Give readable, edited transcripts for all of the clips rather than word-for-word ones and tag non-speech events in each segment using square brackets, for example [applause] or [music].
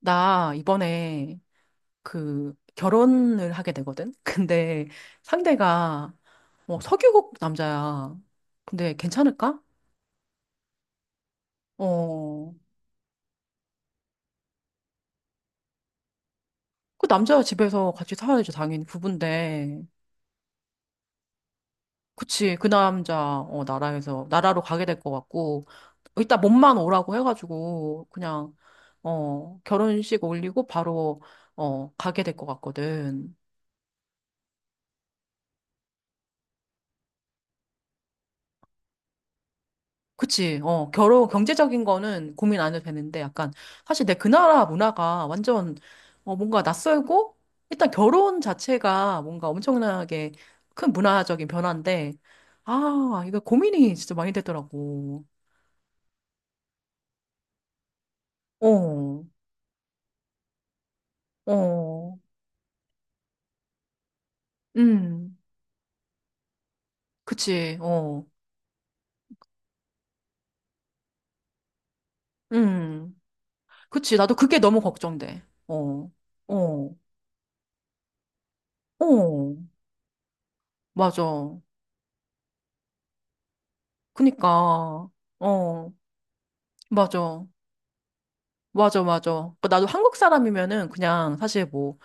나 이번에 그 결혼을 하게 되거든? [laughs] 근데 상대가 석유국 남자야. 근데 괜찮을까? 어, 그 남자 집에서 같이 살아야지, 당연히 부부인데. 그치, 그 남자, 나라로 가게 될 것 같고, 일단 몸만 오라고 해가지고, 그냥, 결혼식 올리고 바로, 가게 될 것 같거든. 그치. 경제적인 거는 고민 안 해도 되는데, 약간, 사실 내 그 나라 문화가 뭔가 낯설고, 일단 결혼 자체가 뭔가 엄청나게 큰 문화적인 변화인데, 아, 이거 고민이 진짜 많이 되더라고. 어, 어, 음, 그치, 어, 음, 그치. 나도 그게 너무 걱정돼. 어, 어, 어, 맞아. 그니까, 어, 맞아. 맞아, 맞아. 그러니까 나도 한국 사람이면은 그냥 사실 뭐,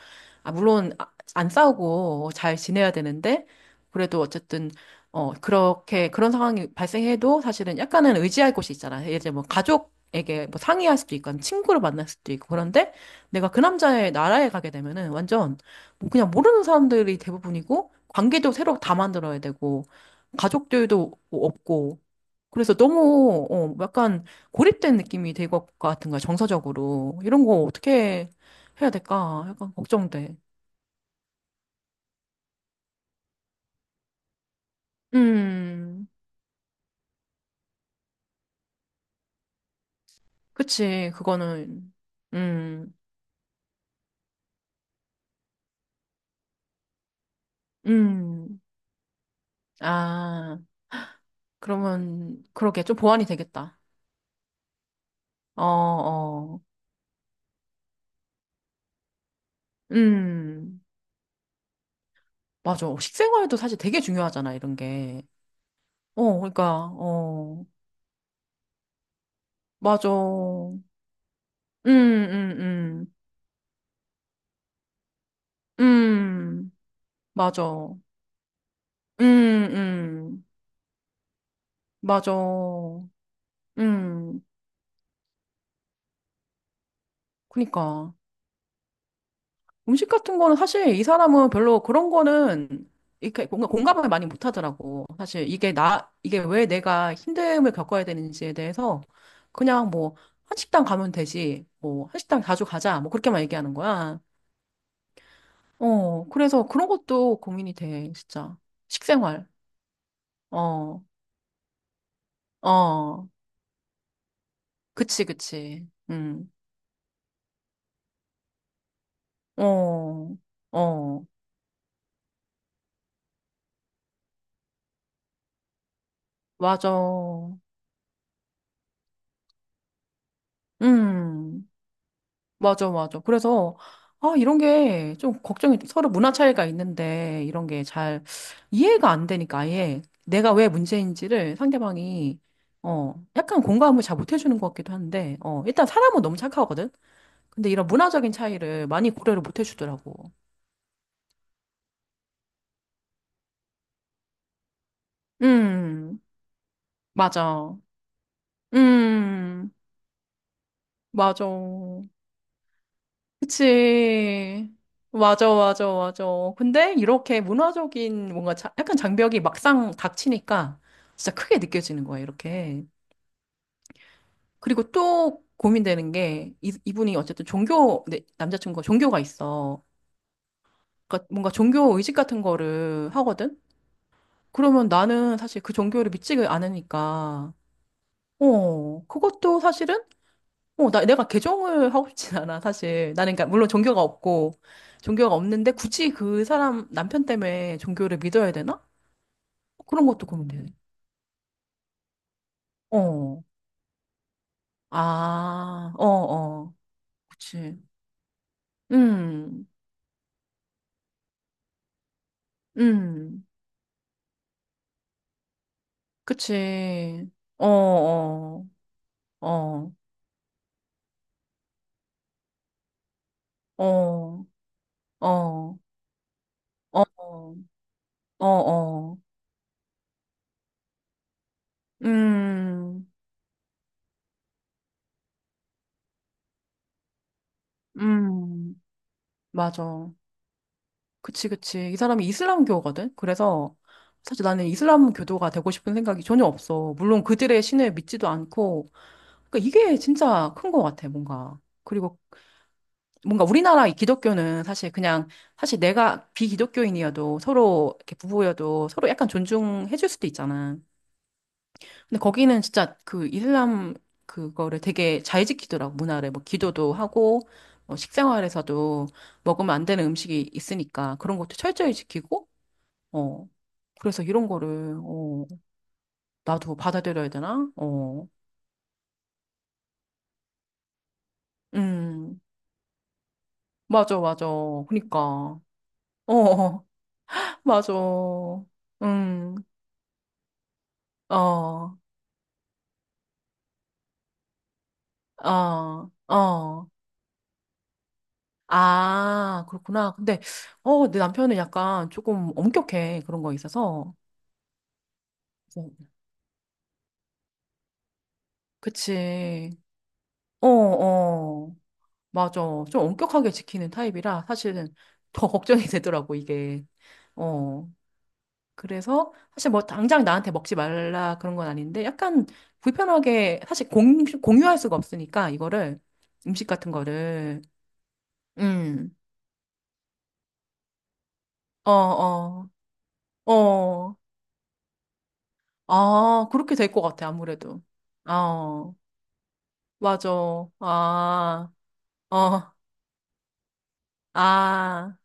아, 물론 안 싸우고 잘 지내야 되는데, 그래도 어쨌든, 그런 상황이 발생해도 사실은 약간은 의지할 곳이 있잖아. 예를 들면 뭐 가족에게 뭐 상의할 수도 있고, 아니면 친구를 만날 수도 있고, 그런데 내가 그 남자의 나라에 가게 되면은 완전 뭐 그냥 모르는 사람들이 대부분이고, 관계도 새로 다 만들어야 되고, 가족들도 뭐 없고, 그래서 너무, 약간 고립된 느낌이 될 것 같은 거야, 정서적으로. 이런 거 어떻게 해야 될까? 약간 걱정돼. 음, 그치, 그거는. 음, 음. 아, 그러면, 그러게, 좀 보완이 되겠다. 어, 어. 음, 맞아. 식생활도 사실 되게 중요하잖아, 이런 게. 어, 그러니까, 어, 맞아. 음, 음. 음, 맞아. 음. 맞아. 음. 그니까 음식 같은 거는 사실 이 사람은 별로 그런 거는 이렇게 뭔가 공감을 많이 못 하더라고. 사실 이게 나 이게 왜 내가 힘듦을 겪어야 되는지에 대해서 그냥 뭐 한식당 가면 되지. 뭐 한식당 자주 가자. 뭐 그렇게만 얘기하는 거야. 어, 그래서 그런 것도 고민이 돼, 진짜. 식생활. 어. 어. 그치, 그치. 음. 어. 어. 맞아. 음. 맞아, 맞아. 그래서, 아, 이런 게 좀 걱정이, 서로 문화 차이가 있는데, 이런 게 잘 이해가 안 되니까, 아예 내가 왜 문제인지를 상대방이, 약간 공감을 잘 못 해주는 것 같기도 한데, 일단 사람은 너무 착하거든? 근데 이런 문화적인 차이를 많이 고려를 못 해주더라고. 음, 맞아. 음, 맞아. 그치. 맞아, 맞아, 맞아. 근데 이렇게 문화적인 뭔가 약간 장벽이 막상 닥치니까 진짜 크게 느껴지는 거야, 이렇게. 그리고 또 고민되는 게 이분이 어쨌든 종교, 네, 남자친구가 종교가 있어. 그러니까 뭔가 종교 의식 같은 거를 하거든? 그러면 나는 사실 그 종교를 믿지 않으니까, 어, 그것도 사실은 내가 개종을 하고 싶진 않아, 사실. 나는, 그러니까, 물론 종교가 없고, 종교가 없는데, 굳이 그 사람, 남편 때문에 종교를 믿어야 되나? 어, 그런 것도 고민되네. 어, 아, 어, 어, 그치. 음, 음, 그치. 어, 어, 어, 어, 어, 어, 어, 어, 어, 음, 음, 맞아. 그치, 그치. 이 사람이 이슬람교거든? 그래서 사실 나는 이슬람교도가 되고 싶은 생각이 전혀 없어. 물론 그들의 신을 믿지도 않고. 그러니까 이게 진짜 큰 것 같아, 뭔가. 그리고 뭔가 우리나라 이 기독교는 사실 그냥, 사실 내가 비기독교인이어도 서로 이렇게 부부여도 서로 약간 존중해줄 수도 있잖아. 근데 거기는 진짜 그 이슬람 그거를 되게 잘 지키더라고, 문화를. 뭐 기도도 하고, 뭐 식생활에서도 먹으면 안 되는 음식이 있으니까 그런 것도 철저히 지키고, 어. 그래서 이런 거를, 어, 나도 받아들여야 되나? 어. 음, 맞아, 맞아. 그니까. 어, 어, [laughs] 맞아. 음, 어, 어, 어. 아, 그렇구나. 근데, 어, 내 남편은 약간 조금 엄격해. 그런 거에 있어서. 어, 그치. 어, 어. 맞아. 좀 엄격하게 지키는 타입이라 사실은 더 [laughs] 걱정이 되더라고, 이게. 어. 그래서 사실 뭐 당장 나한테 먹지 말라 그런 건 아닌데 약간 불편하게 사실 공유할 수가 없으니까 이거를 음식 같은 거를 음. 어, 어. 어. 아, 그렇게 될 것 같아 아무래도. 어. 맞아. 아. 어. 아.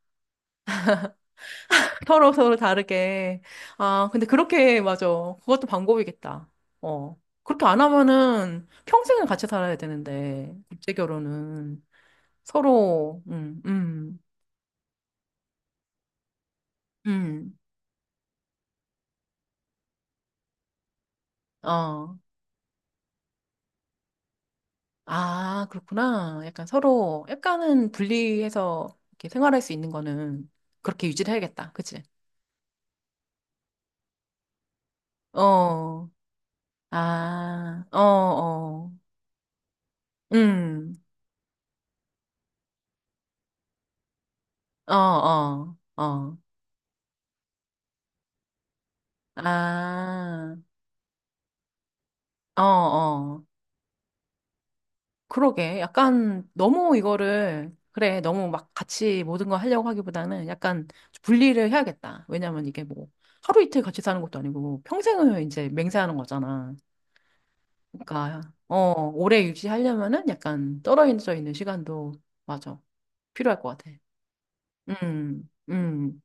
서로 서로 다르게. 아, 근데 그렇게 맞아. 그것도 방법이겠다. 어. 그렇게 안 하면은 평생을 같이 살아야 되는데 국제 결혼은 서로, 음, 어. 아, 그렇구나. 약간 서로, 약간은 분리해서 이렇게 생활할 수 있는 거는 그렇게 유지를 해야겠다. 그치? 어, 아, 어, 어, 음, 어, 어, 어, 아, 어, 어. 그러게. 약간 너무 이거를, 그래, 너무 막 같이 모든 걸 하려고 하기보다는 약간 분리를 해야겠다. 왜냐면 이게 뭐 하루 이틀 같이 사는 것도 아니고 뭐 평생을 이제 맹세하는 거잖아. 그러니까, 어, 오래 유지하려면은 약간 떨어져 있는 시간도, 맞아. 필요할 것 같아. 음, 음.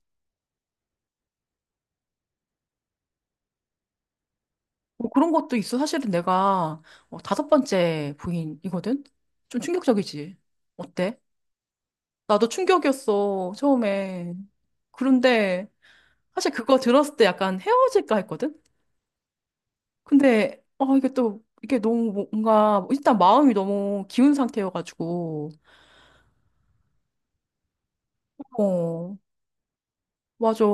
뭐 그런 것도 있어. 사실은 내가 다섯 번째 부인이거든? 좀 충격적이지. 어때? 나도 충격이었어, 처음에. 그런데, 사실 그거 들었을 때 약간 헤어질까 했거든? 근데, 아 이게 또, 이게 너무 뭔가, 일단 마음이 너무 기운 상태여가지고, 어, 맞아.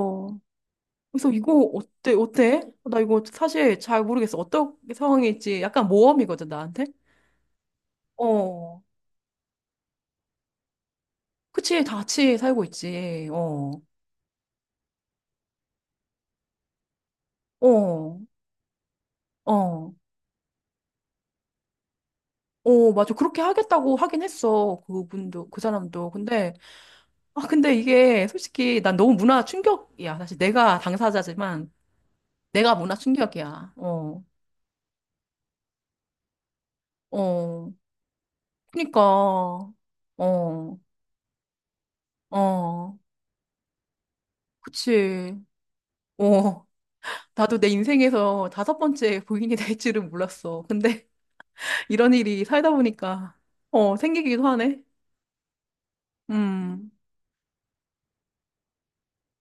그래서 이거 어때, 어때? 나 이거 사실 잘 모르겠어. 어떤 상황일지 약간 모험이거든, 나한테? 어, 그치, 다 같이 살고 있지. 어, 어, 어. 어, 맞아. 그렇게 하겠다고 하긴 했어. 그분도, 그 사람도. 근데, 아, 근데 이게 솔직히 난 너무 문화 충격이야. 사실 내가 당사자지만. 내가 문화 충격이야. 어, 어. 그니까, 어, 어. 그치. 어. 나도 내 인생에서 다섯 번째 부인이 될 줄은 몰랐어. 근데 [laughs] 이런 일이 살다 보니까, 어, 생기기도 하네. 음,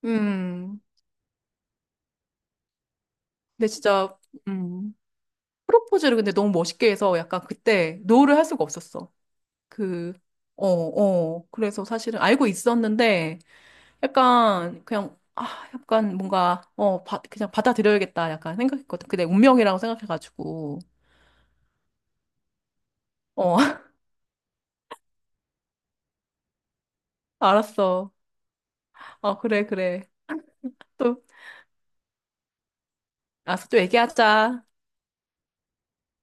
음. 근데 진짜, 음. 프로포즈를 근데 너무 멋있게 해서 약간 그때 노를 할 수가 없었어. 그, 어, 어. 그래서 사실은 알고 있었는데, 약간 그냥 아 약간 뭔가 그냥 받아들여야겠다 약간 생각했거든. 근데 운명이라고 생각해가지고 어 [laughs] 알았어. 어 그래 그래 또 알았어 또 얘기하자.